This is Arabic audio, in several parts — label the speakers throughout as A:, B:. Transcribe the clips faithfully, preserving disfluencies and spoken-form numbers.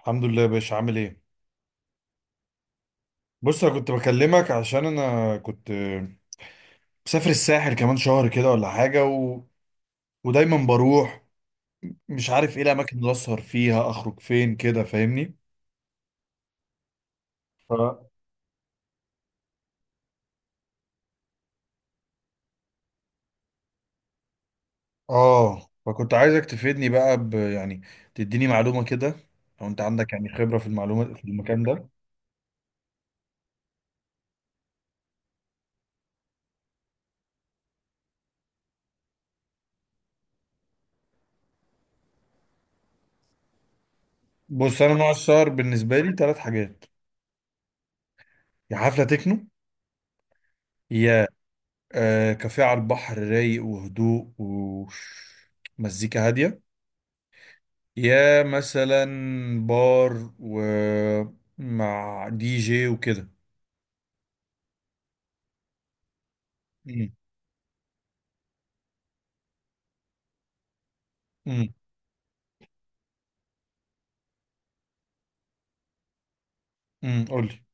A: الحمد لله يا باشا، عامل ايه؟ بص، انا كنت بكلمك عشان انا كنت مسافر الساحل كمان شهر كده ولا حاجه و... ودايما بروح. مش عارف ايه الاماكن اللي اسهر فيها، اخرج فين كده، فاهمني؟ ف... اه، فكنت عايزك تفيدني بقى، ب... يعني تديني معلومه كده. لو انت عندك يعني خبره في المعلومه في المكان ده. بص، انا نوع السهر بالنسبه لي ثلاث حاجات: يا حفله تكنو، يا آه كافيه على البحر رايق وهدوء ومزيكا هاديه، يا مثلا بار ومع دي جي وكده. امم. امم. امم، قول لي.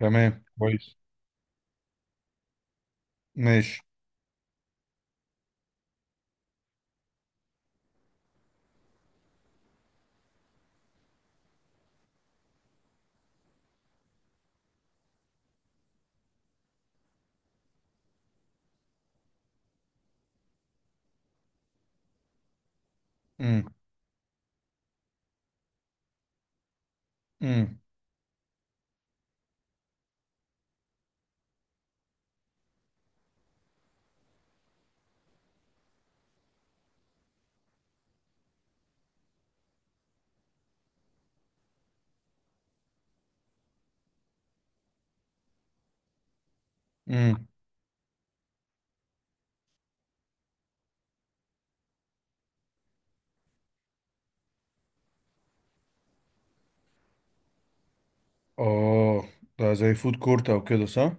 A: تمام، كويس. ماشي. امم. امم. امم. اه، ده زي فود كورت او كده، صح؟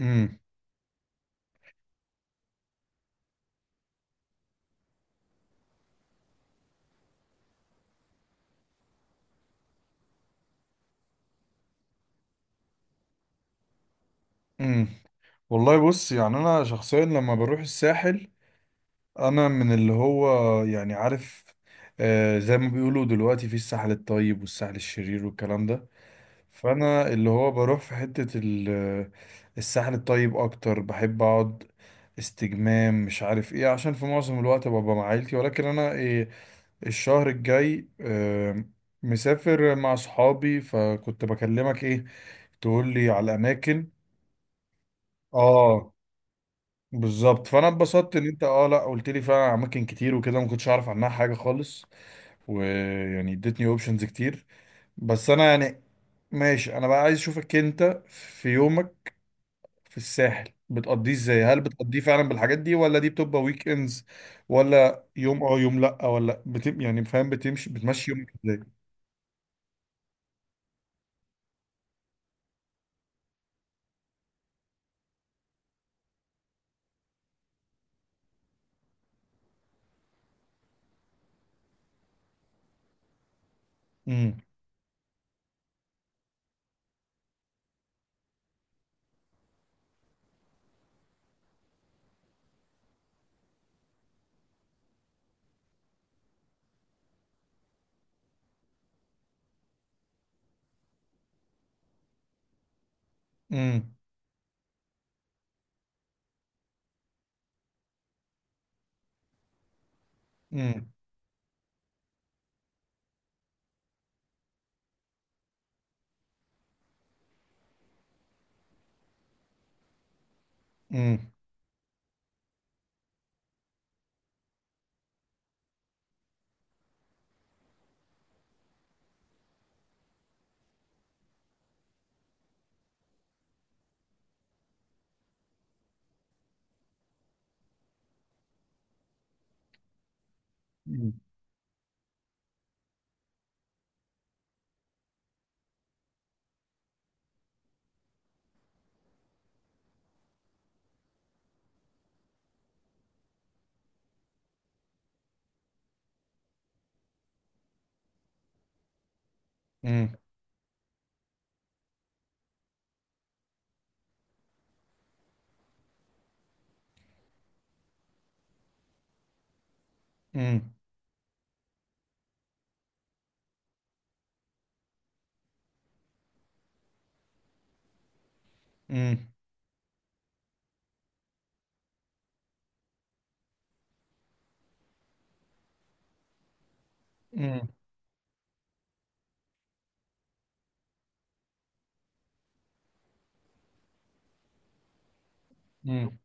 A: امم. امم. والله، بص، يعني انا شخصيا لما بروح الساحل، انا من اللي هو يعني عارف، آه، زي ما بيقولوا دلوقتي في الساحل الطيب والساحل الشرير والكلام ده. فانا اللي هو بروح في حتة ال- الساحل الطيب اكتر، بحب اقعد استجمام، مش عارف ايه، عشان في معظم الوقت ببقى مع عيلتي. ولكن انا ايه، الشهر الجاي آم، مسافر مع صحابي، فكنت بكلمك ايه تقول لي على الاماكن. اه، بالظبط. فانا اتبسطت ان انت، اه لا، قلت لي فعلا على اماكن كتير وكده ما كنتش اعرف عنها حاجة خالص. ويعني اديتني اوبشنز كتير. بس انا يعني، ماشي، انا بقى عايز اشوفك انت في يومك في الساحل بتقضيه ازاي. هل بتقضيه فعلا بالحاجات دي ولا دي بتبقى ويك اندز، ولا يوم اه يوم لا، ولا بتم يعني، فاهم، بتمشي بتمشي يومك ازاي؟ امم. امم. امم. امم. امم. امم. امم. امم. امم. امم.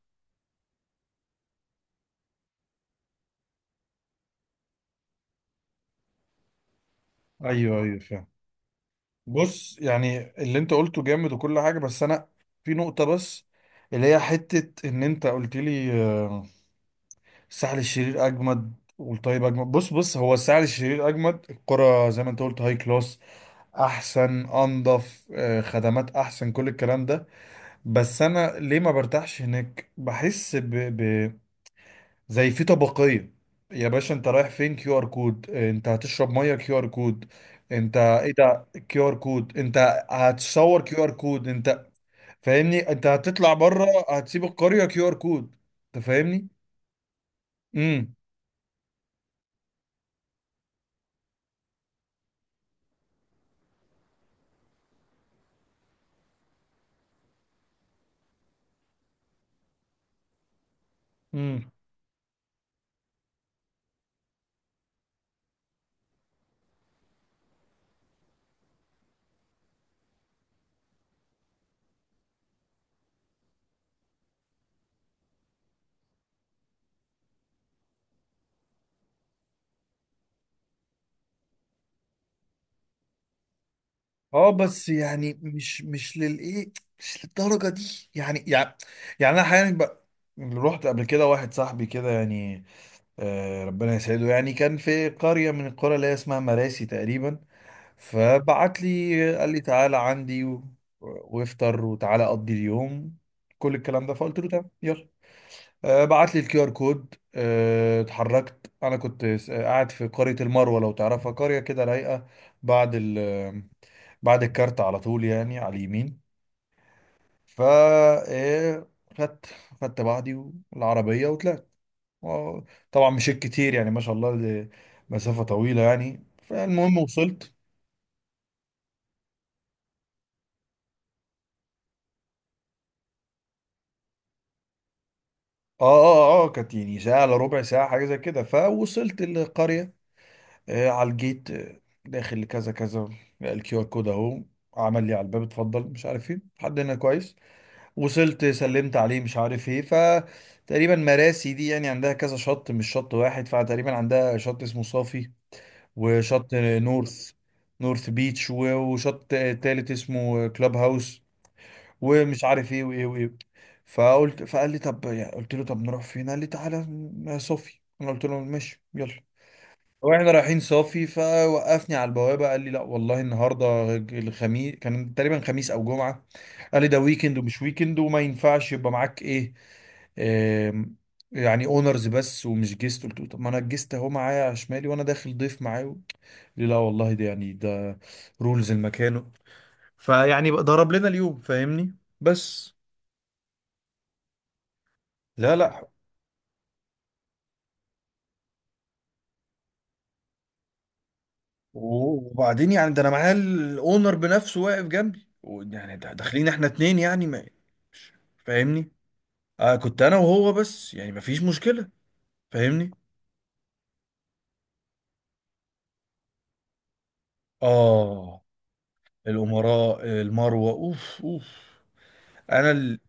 A: ايوه، ايوه، فاهم. بص، يعني اللي انت قلته جامد وكل حاجه، بس انا في نقطه بس، اللي هي حته ان انت قلت لي آه الساحل الشرير اجمد والطيب اجمد. بص بص هو الساحل الشرير اجمد، الكرة زي ما انت قلت هاي كلاس، احسن، انضف، آه، خدمات احسن، كل الكلام ده. بس انا ليه ما برتاحش هناك، بحس ب... ب... زي في طبقية. يا باشا انت رايح فين كيو ار كود؟ آه، انت هتشرب ميه كيو ار كود؟ انت ايه ده كيو ار كود انت؟ هتصور كيو ار كود انت؟ فاهمني؟ انت هتطلع بره هتسيب القرية كيو ار كود؟ انت فاهمني؟ امم. امم. اه، بس يعني مش مش للايه، مش للدرجه دي يعني، يعني يعني انا احيانا بقى رحت قبل كده واحد صاحبي كده يعني، آه، ربنا يسعده، يعني كان في قريه من القرى اللي هي اسمها مراسي تقريبا. فبعت لي قال لي تعالى عندي و- وافطر وتعالى اقضي اليوم كل الكلام ده. فقلت له تمام، يلا. آه، بعت لي الكيو ار كود. آه، اتحركت. انا كنت س- آه، قاعد في قرية المروة، لو تعرفها، قرية كده رايقة بعد ال بعد الكارت على طول، يعني على اليمين. فا آه، خدت خدت بعضي والعربية وطلعت و- طبعا مشيت كتير، يعني ما شاء الله، دي مسافة طويلة يعني. فالمهم وصلت. اه اه اه، كانت يعني ساعة الا ربع، ساعة، حاجة زي كده. فوصلت القرية. آه، على الجيت. آه، داخل لكذا كذا. الكيو ار كود اهو، عمل لي على الباب اتفضل، مش عارف ايه لحد هنا كويس. وصلت، سلمت عليه، مش عارف ايه. فتقريبا مراسي دي يعني عندها كذا شط، مش شط واحد. فتقريبا عندها شط اسمه صافي، وشط آه، نورث، نورث بيتش، و- وشط آه، تالت اسمه آه، كلاب هاوس، ومش عارف ايه وايه وايه. فقلت فقال لي طب، يعني قلت له طب نروح فين، قال لي تعالى آه، صافي. انا قلت له ماشي يلا. واحنا رايحين صافي فوقفني على البوابه، قال لي لا والله النهارده الخميس، كان تقريبا خميس او جمعه، قال لي ده ويكند ومش ويكند وما ينفعش يبقى معاك ايه، آم، يعني اونرز بس ومش جيست. قلت له طب ما انا الجيست اهو، معايا على شمالي وانا داخل ضيف معاه. قال لي لا والله ده يعني ده رولز المكان. فيعني بقى ضرب لنا اليوم، فاهمني؟ بس. لا، لا. وبعدين يعني ده انا معايا الاونر بنفسه واقف جنبي و- يعني ده- داخلين احنا اتنين يعني ما، مش- فاهمني؟ آه، كنت انا وهو بس يعني مفيش مشكلة. فاهمني. اه. الامراء المروة، اوف اوف. انا ال...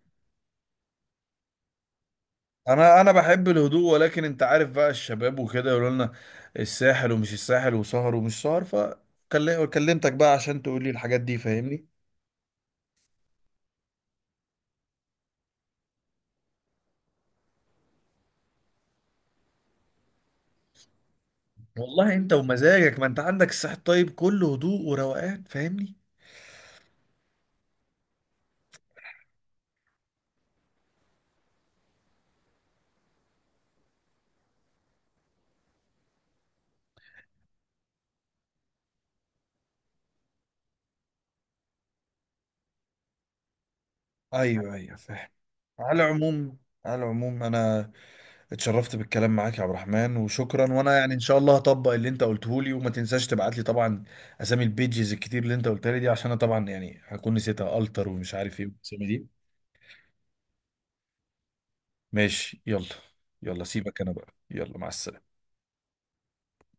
A: انا انا بحب الهدوء، ولكن انت عارف بقى الشباب وكده يقولوا لنا الساحل ومش الساحل وسهر ومش سهر، فكلمتك بقى عشان تقول لي الحاجات دي، فاهمني؟ والله، انت ومزاجك، ما انت عندك الساحل الطيب كله هدوء وروقان، فاهمني؟ ايوه، ايوه، فاهم. على العموم، على العموم انا اتشرفت بالكلام معاك يا عبد الرحمن، وشكرا. وانا يعني ان شاء الله هطبق اللي انت قلته لي. وما تنساش تبعت لي طبعا اسامي البيجز الكتير اللي انت قلتها لي دي، عشان انا طبعا يعني هكون نسيتها التر ومش عارف ايه والاسامي دي. ماشي، يلا. يلا سيبك، انا بقى يلا، مع السلامة.